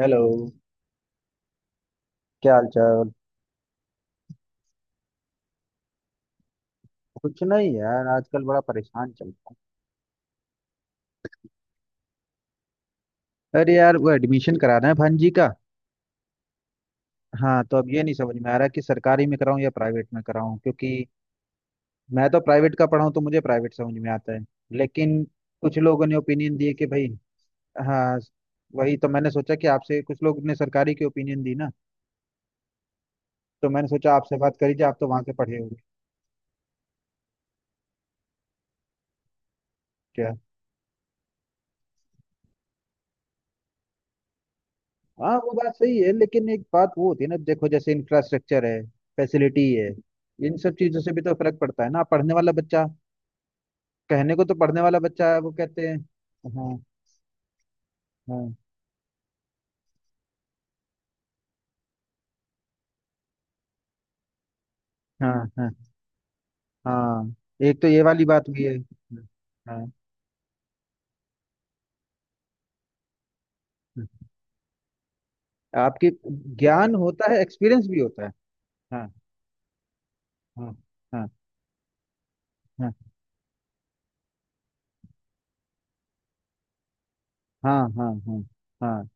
Hello. क्या हाल चाल। कुछ नहीं यार, आजकल बड़ा परेशान चल रहा हूँ। अरे यार वो एडमिशन कराना है भांजी का। हाँ तो अब ये नहीं समझ में आ रहा कि सरकारी में कराऊं या प्राइवेट में कराऊं, क्योंकि मैं तो प्राइवेट का पढ़ा हूं तो मुझे प्राइवेट समझ में आता है। लेकिन कुछ लोगों ने ओपिनियन दिए कि भाई। हाँ वही तो मैंने सोचा कि आपसे, कुछ लोग ने सरकारी की ओपिनियन दी ना, तो मैंने सोचा आपसे बात करी जाए, आप तो वहां के पढ़े होंगे। हाँ वो बात सही है लेकिन एक बात वो होती है ना, देखो जैसे इंफ्रास्ट्रक्चर है, फैसिलिटी है, इन सब चीजों से भी तो फर्क पड़ता है ना। पढ़ने वाला बच्चा कहने को तो पढ़ने वाला बच्चा है वो कहते हैं। हाँ हाँ हाँ हाँ। हाँ एक तो ये वाली बात भी है। हाँ हाँ। आपकी ज्ञान होता है, एक्सपीरियंस भी होता है। हाँ हाँ हाँ हाँ हाँ हाँ हाँ हाँ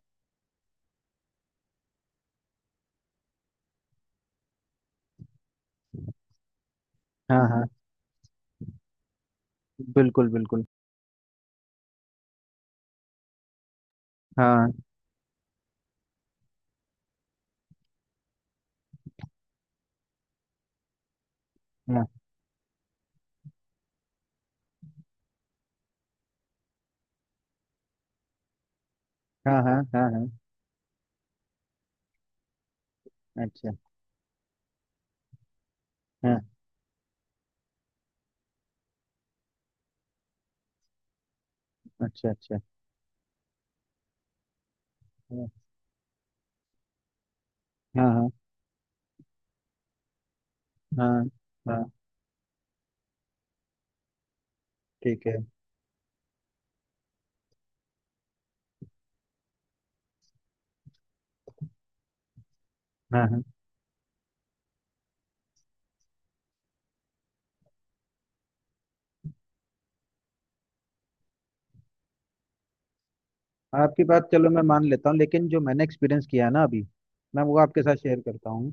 हाँ हाँ। बिल्कुल बिल्कुल। हाँ हाँ हाँ हाँ हाँ हाँ। अच्छा। हाँ अच्छा अच्छा। हाँ हाँ हाँ हाँ हाँ, ठीक है। हाँ हाँ। आपकी बात चलो मैं मान लेता हूँ, लेकिन जो मैंने एक्सपीरियंस किया है ना अभी, मैं वो आपके साथ शेयर करता हूँ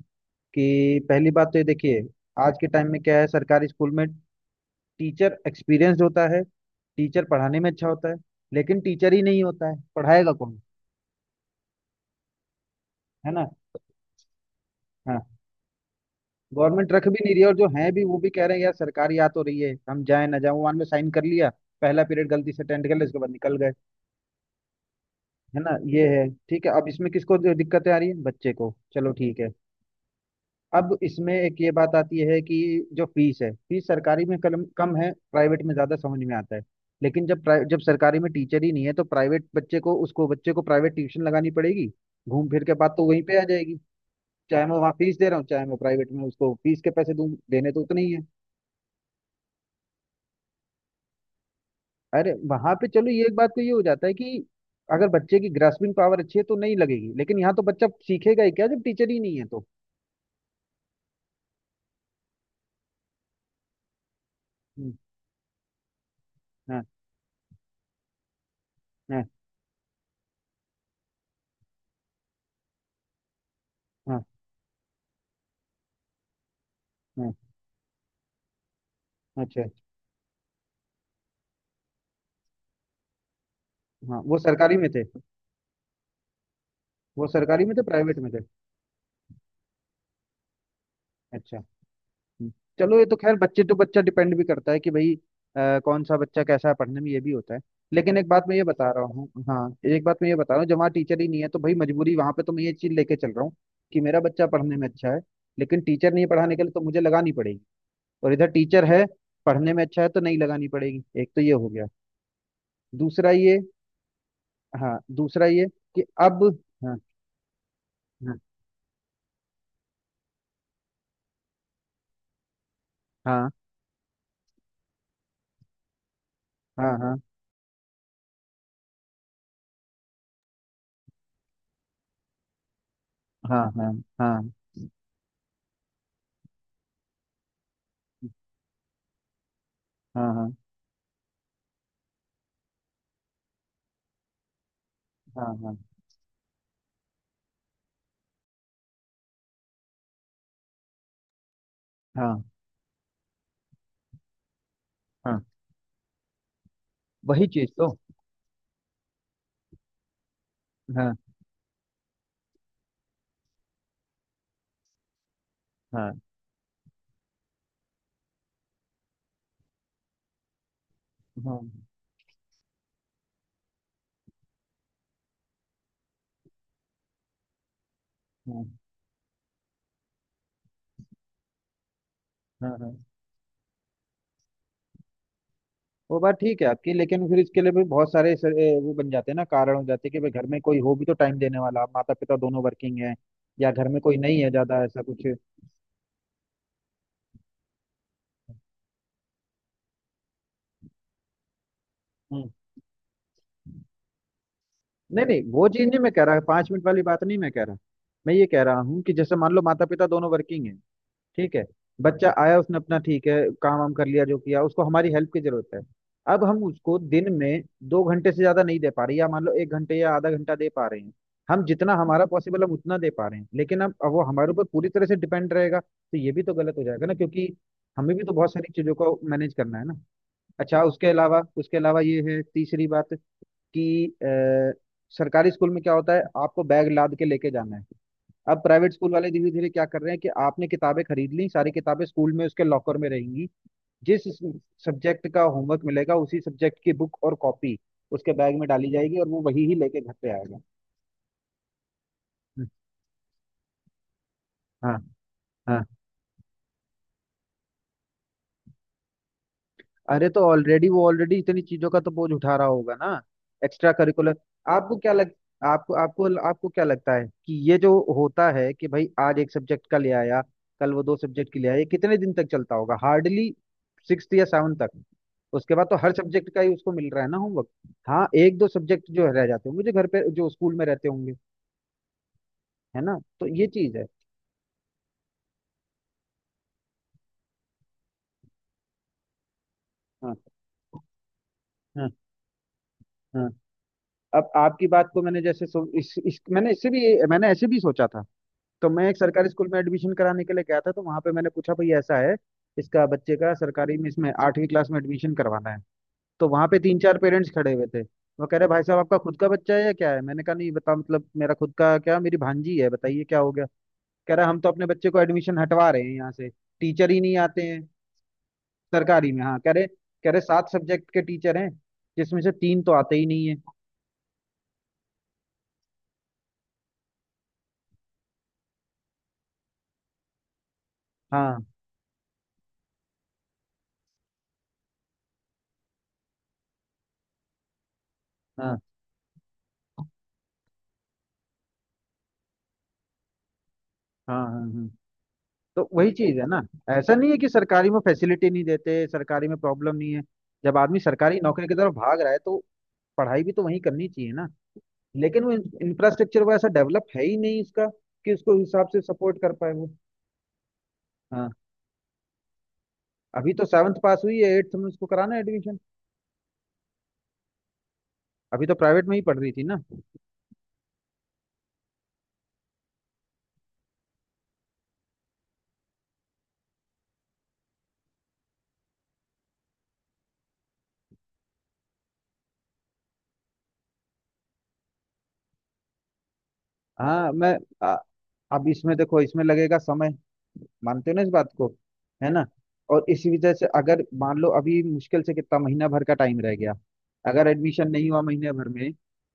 कि पहली बात तो ये देखिए, आज के टाइम में क्या है सरकारी स्कूल में, टीचर एक्सपीरियंस्ड होता है, टीचर पढ़ाने में अच्छा होता है, लेकिन टीचर ही नहीं होता है, पढ़ाएगा कौन। है ना। हाँ गवर्नमेंट रख भी नहीं रही है, और जो है भी वो भी कह रहे हैं यार, सरकारी आ तो रही है हम जाए ना जाए, वन में साइन कर लिया, पहला पीरियड गलती से अटेंड कर लिया उसके बाद निकल गए। है ना ये है। ठीक है अब इसमें किसको दिक्कतें आ रही है, बच्चे को। चलो ठीक है। अब इसमें एक ये बात आती है कि जो फीस है, फीस सरकारी में कम कम है, प्राइवेट में ज़्यादा, समझ में आता है। लेकिन जब जब सरकारी में टीचर ही नहीं है, तो प्राइवेट बच्चे को उसको बच्चे को प्राइवेट ट्यूशन लगानी पड़ेगी। घूम फिर के बाद तो वहीं पे आ जाएगी। चाहे मैं वहाँ फीस दे रहा हूँ चाहे मैं प्राइवेट में उसको फीस के पैसे दूं, देने तो उतने ही है। अरे वहां पे चलो ये एक बात तो ये हो जाता है कि अगर बच्चे की ग्रास्पिंग पावर अच्छी है तो नहीं लगेगी, लेकिन यहाँ तो बच्चा सीखेगा ही क्या जब टीचर ही नहीं है तो। हम्म, हाँ हाँ हाँ हाँ। अच्छा अच्छा, हाँ वो सरकारी में थे। वो सरकारी में थे प्राइवेट में थे। अच्छा। हम्म। चलो ये तो खैर बच्चे तो, बच्चा डिपेंड भी करता है कि भाई कौन सा बच्चा कैसा है पढ़ने में, ये भी होता है। लेकिन एक बात मैं ये बता रहा हूँ, हाँ एक बात मैं ये बता रहा हूँ, जब वहाँ टीचर ही नहीं है तो भाई मजबूरी। वहाँ पे तो मैं ये चीज़ लेके चल रहा हूँ कि मेरा बच्चा पढ़ने में अच्छा है लेकिन टीचर नहीं है पढ़ाने के लिए, तो मुझे लगानी पड़ेगी। और इधर टीचर है, पढ़ने में अच्छा है तो नहीं लगानी पड़ेगी, एक तो ये हो गया। दूसरा ये। हाँ दूसरा ये कि अब। हाँ हाँ हाँ हाँ हाँ हाँ हाँ हाँ हाँ हाँ हाँ हाँ हाँ। वही चीज तो। हाँ हाँ हाँ हाँ हाँ हाँ। वो बात ठीक है आपकी, लेकिन फिर इसके लिए भी बहुत सारे वो बन जाते हैं ना, कारण हो जाते हैं कि भाई, घर में कोई हो भी तो टाइम देने वाला, माता पिता दोनों वर्किंग है, या घर में कोई नहीं है ज्यादा, ऐसा कुछ। हम्म। नहीं नहीं वो चीज नहीं, मैं कह रहा 5 मिनट वाली बात नहीं मैं कह रहा, मैं ये कह रहा हूँ कि जैसे मान लो माता पिता दोनों वर्किंग है, ठीक है, बच्चा आया उसने अपना ठीक है, काम वाम कर लिया जो किया, उसको हमारी हेल्प की जरूरत है, अब हम उसको दिन में 2 घंटे से ज्यादा नहीं दे पा रहे, या मान लो 1 घंटे या आधा घंटा दे पा रहे हैं, हम जितना हमारा पॉसिबल हम उतना दे पा रहे हैं, लेकिन अब वो हमारे ऊपर पूरी तरह से डिपेंड रहेगा तो ये भी तो गलत हो जाएगा ना, क्योंकि हमें भी तो बहुत सारी चीजों को मैनेज करना है ना। अच्छा उसके अलावा, उसके अलावा ये है तीसरी बात कि सरकारी स्कूल में क्या होता है, आपको बैग लाद के लेके जाना है। अब प्राइवेट स्कूल वाले धीरे धीरे क्या कर रहे हैं कि आपने किताबें खरीद ली, सारी किताबें स्कूल में उसके लॉकर में रहेंगी, जिस सब्जेक्ट का होमवर्क मिलेगा उसी सब्जेक्ट की बुक और कॉपी उसके बैग में डाली जाएगी, और वो वही ही लेके घर पे आएगा। हाँ हाँ अरे तो ऑलरेडी वो ऑलरेडी इतनी चीजों का तो बोझ उठा रहा होगा ना, एक्स्ट्रा करिकुलर। आपको क्या लग आपको आपको आपको क्या लगता है कि ये जो होता है कि भाई आज एक सब्जेक्ट का ले आया, कल वो दो सब्जेक्ट के ले आया, ये कितने दिन तक चलता होगा, हार्डली सिक्स या सेवन तक। उसके बाद तो हर सब्जेक्ट का ही उसको मिल रहा है ना होमवर्क। हाँ एक दो सब्जेक्ट जो रह जाते होंगे, जो घर पे, जो स्कूल में रहते होंगे। है ना, तो ये चीज है। हाँ हाँ हाँ। अब आपकी बात को मैंने जैसे सो, इस मैंने इससे भी, मैंने ऐसे भी सोचा था। तो मैं एक सरकारी स्कूल में एडमिशन कराने के लिए गया था, तो वहां पे मैंने पूछा भाई ऐसा है, इसका बच्चे का सरकारी में इसमें 8वीं क्लास में एडमिशन करवाना है। तो वहां पे 3-4 पेरेंट्स खड़े हुए थे, वो कह रहे भाई साहब आपका खुद का बच्चा है या क्या है, मैंने कहा नहीं बता मतलब, मेरा खुद का क्या, मेरी भांजी है, बताइए क्या हो गया। कह रहा हम तो अपने बच्चे को एडमिशन हटवा रहे हैं यहाँ से, टीचर ही नहीं आते हैं। सरकारी में, हाँ कह रहे, कह रहे 7 सब्जेक्ट के टीचर हैं, जिसमें से तीन तो आते ही नहीं है। हाँ हाँ हाँ हाँ हाँ। तो वही चीज है ना, ऐसा नहीं है कि सरकारी में फैसिलिटी नहीं देते, सरकारी में प्रॉब्लम नहीं है। जब आदमी सरकारी नौकरी की तरफ भाग रहा है तो पढ़ाई भी तो वहीं करनी चाहिए ना, लेकिन वो इंफ्रास्ट्रक्चर वो ऐसा डेवलप है ही नहीं उसका, कि उसको उस हिसाब से सपोर्ट कर पाए वो। हाँ अभी तो 7th पास हुई है, 8th में उसको कराना है एडमिशन। अभी तो प्राइवेट में ही पढ़ रही थी ना। हाँ मैं, अब इसमें देखो इसमें लगेगा समय, मानते हो ना इस बात को। है ना, और इसी वजह से अगर मान लो अभी मुश्किल से कितना महीना भर का टाइम रह गया, अगर एडमिशन नहीं हुआ महीने भर में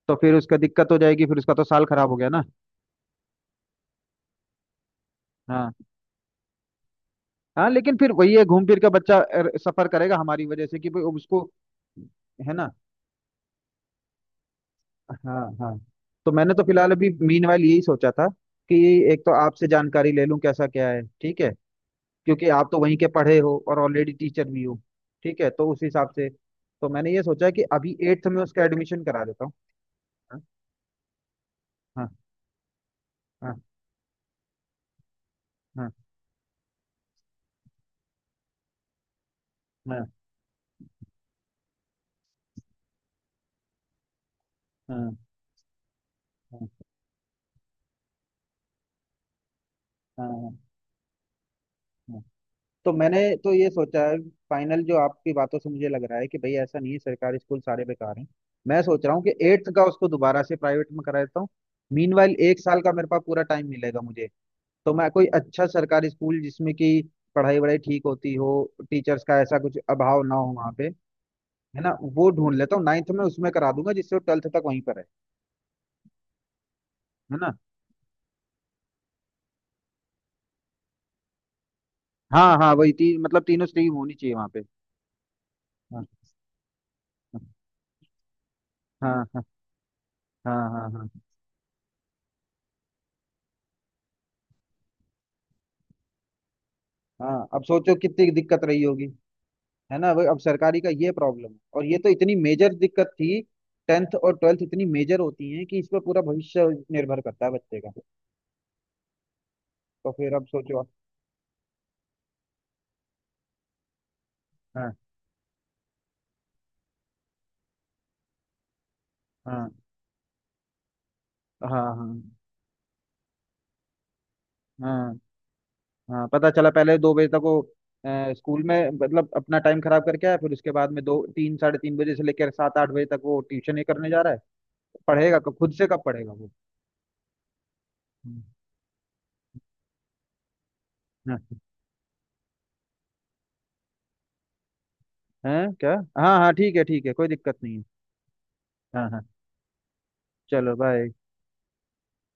तो फिर उसका दिक्कत हो जाएगी, फिर उसका तो साल खराब हो गया ना। हाँ हाँ लेकिन फिर वही है, घूम फिर के बच्चा सफर करेगा हमारी वजह से कि भाई अब उसको। है ना। हाँ हाँ तो मैंने तो फिलहाल अभी मीनवाइल यही सोचा था कि एक तो आपसे जानकारी ले लूं कैसा क्या है, ठीक है, क्योंकि आप तो वहीं के पढ़े हो और ऑलरेडी टीचर भी हो। ठीक है तो उस हिसाब से तो मैंने ये सोचा कि अभी 8th में उसका एडमिशन करा देता हूँ। हाँ हाँ हाँ हाँ हाँ हाँ हाँ, हाँ, हाँ। तो मैंने, तो ये सोचा है, फाइनल जो आपकी बातों से मुझे लग रहा है कि भाई ऐसा नहीं है सरकारी स्कूल सारे बेकार हैं, मैं सोच रहा हूँ कि 8th का उसको दोबारा से प्राइवेट में करा देता हूँ। मीनवाइल एक साल का मेरे पास पूरा टाइम मिलेगा मुझे, तो मैं कोई अच्छा सरकारी स्कूल जिसमें कि पढ़ाई वढ़ाई ठीक होती हो, टीचर्स का ऐसा कुछ अभाव ना हो वहाँ पे। है ना, वो ढूंढ लेता हूँ 9th में उसमें करा दूंगा, जिससे वो 12th तक वहीं पर है। है ना। हाँ हाँ वही तीन मतलब तीनों स्ट्रीम होनी चाहिए वहाँ पे। हाँ हाँ हाँ हाँ हाँ हाँ हाँ, अब सोचो कितनी दिक्कत रही होगी। है ना, वो अब सरकारी का ये प्रॉब्लम है, और ये तो इतनी मेजर दिक्कत थी। 10th और 12th इतनी मेजर होती हैं कि इस पर पूरा भविष्य निर्भर करता है बच्चे का। तो फिर अब सोचो। हाँ हाँ हाँ हाँ हाँ हाँ। पता चला पहले 2 बजे तक वो स्कूल में, मतलब अपना टाइम खराब करके आया, फिर उसके बाद में दो तीन 3:30 बजे से लेकर 7-8 बजे तक वो ट्यूशन ही करने जा रहा है, पढ़ेगा कब, खुद से कब पढ़ेगा वो। हम्म, हाँ। हैं क्या। हाँ हाँ ठीक है ठीक है, कोई दिक्कत नहीं है। हाँ हाँ चलो बाय।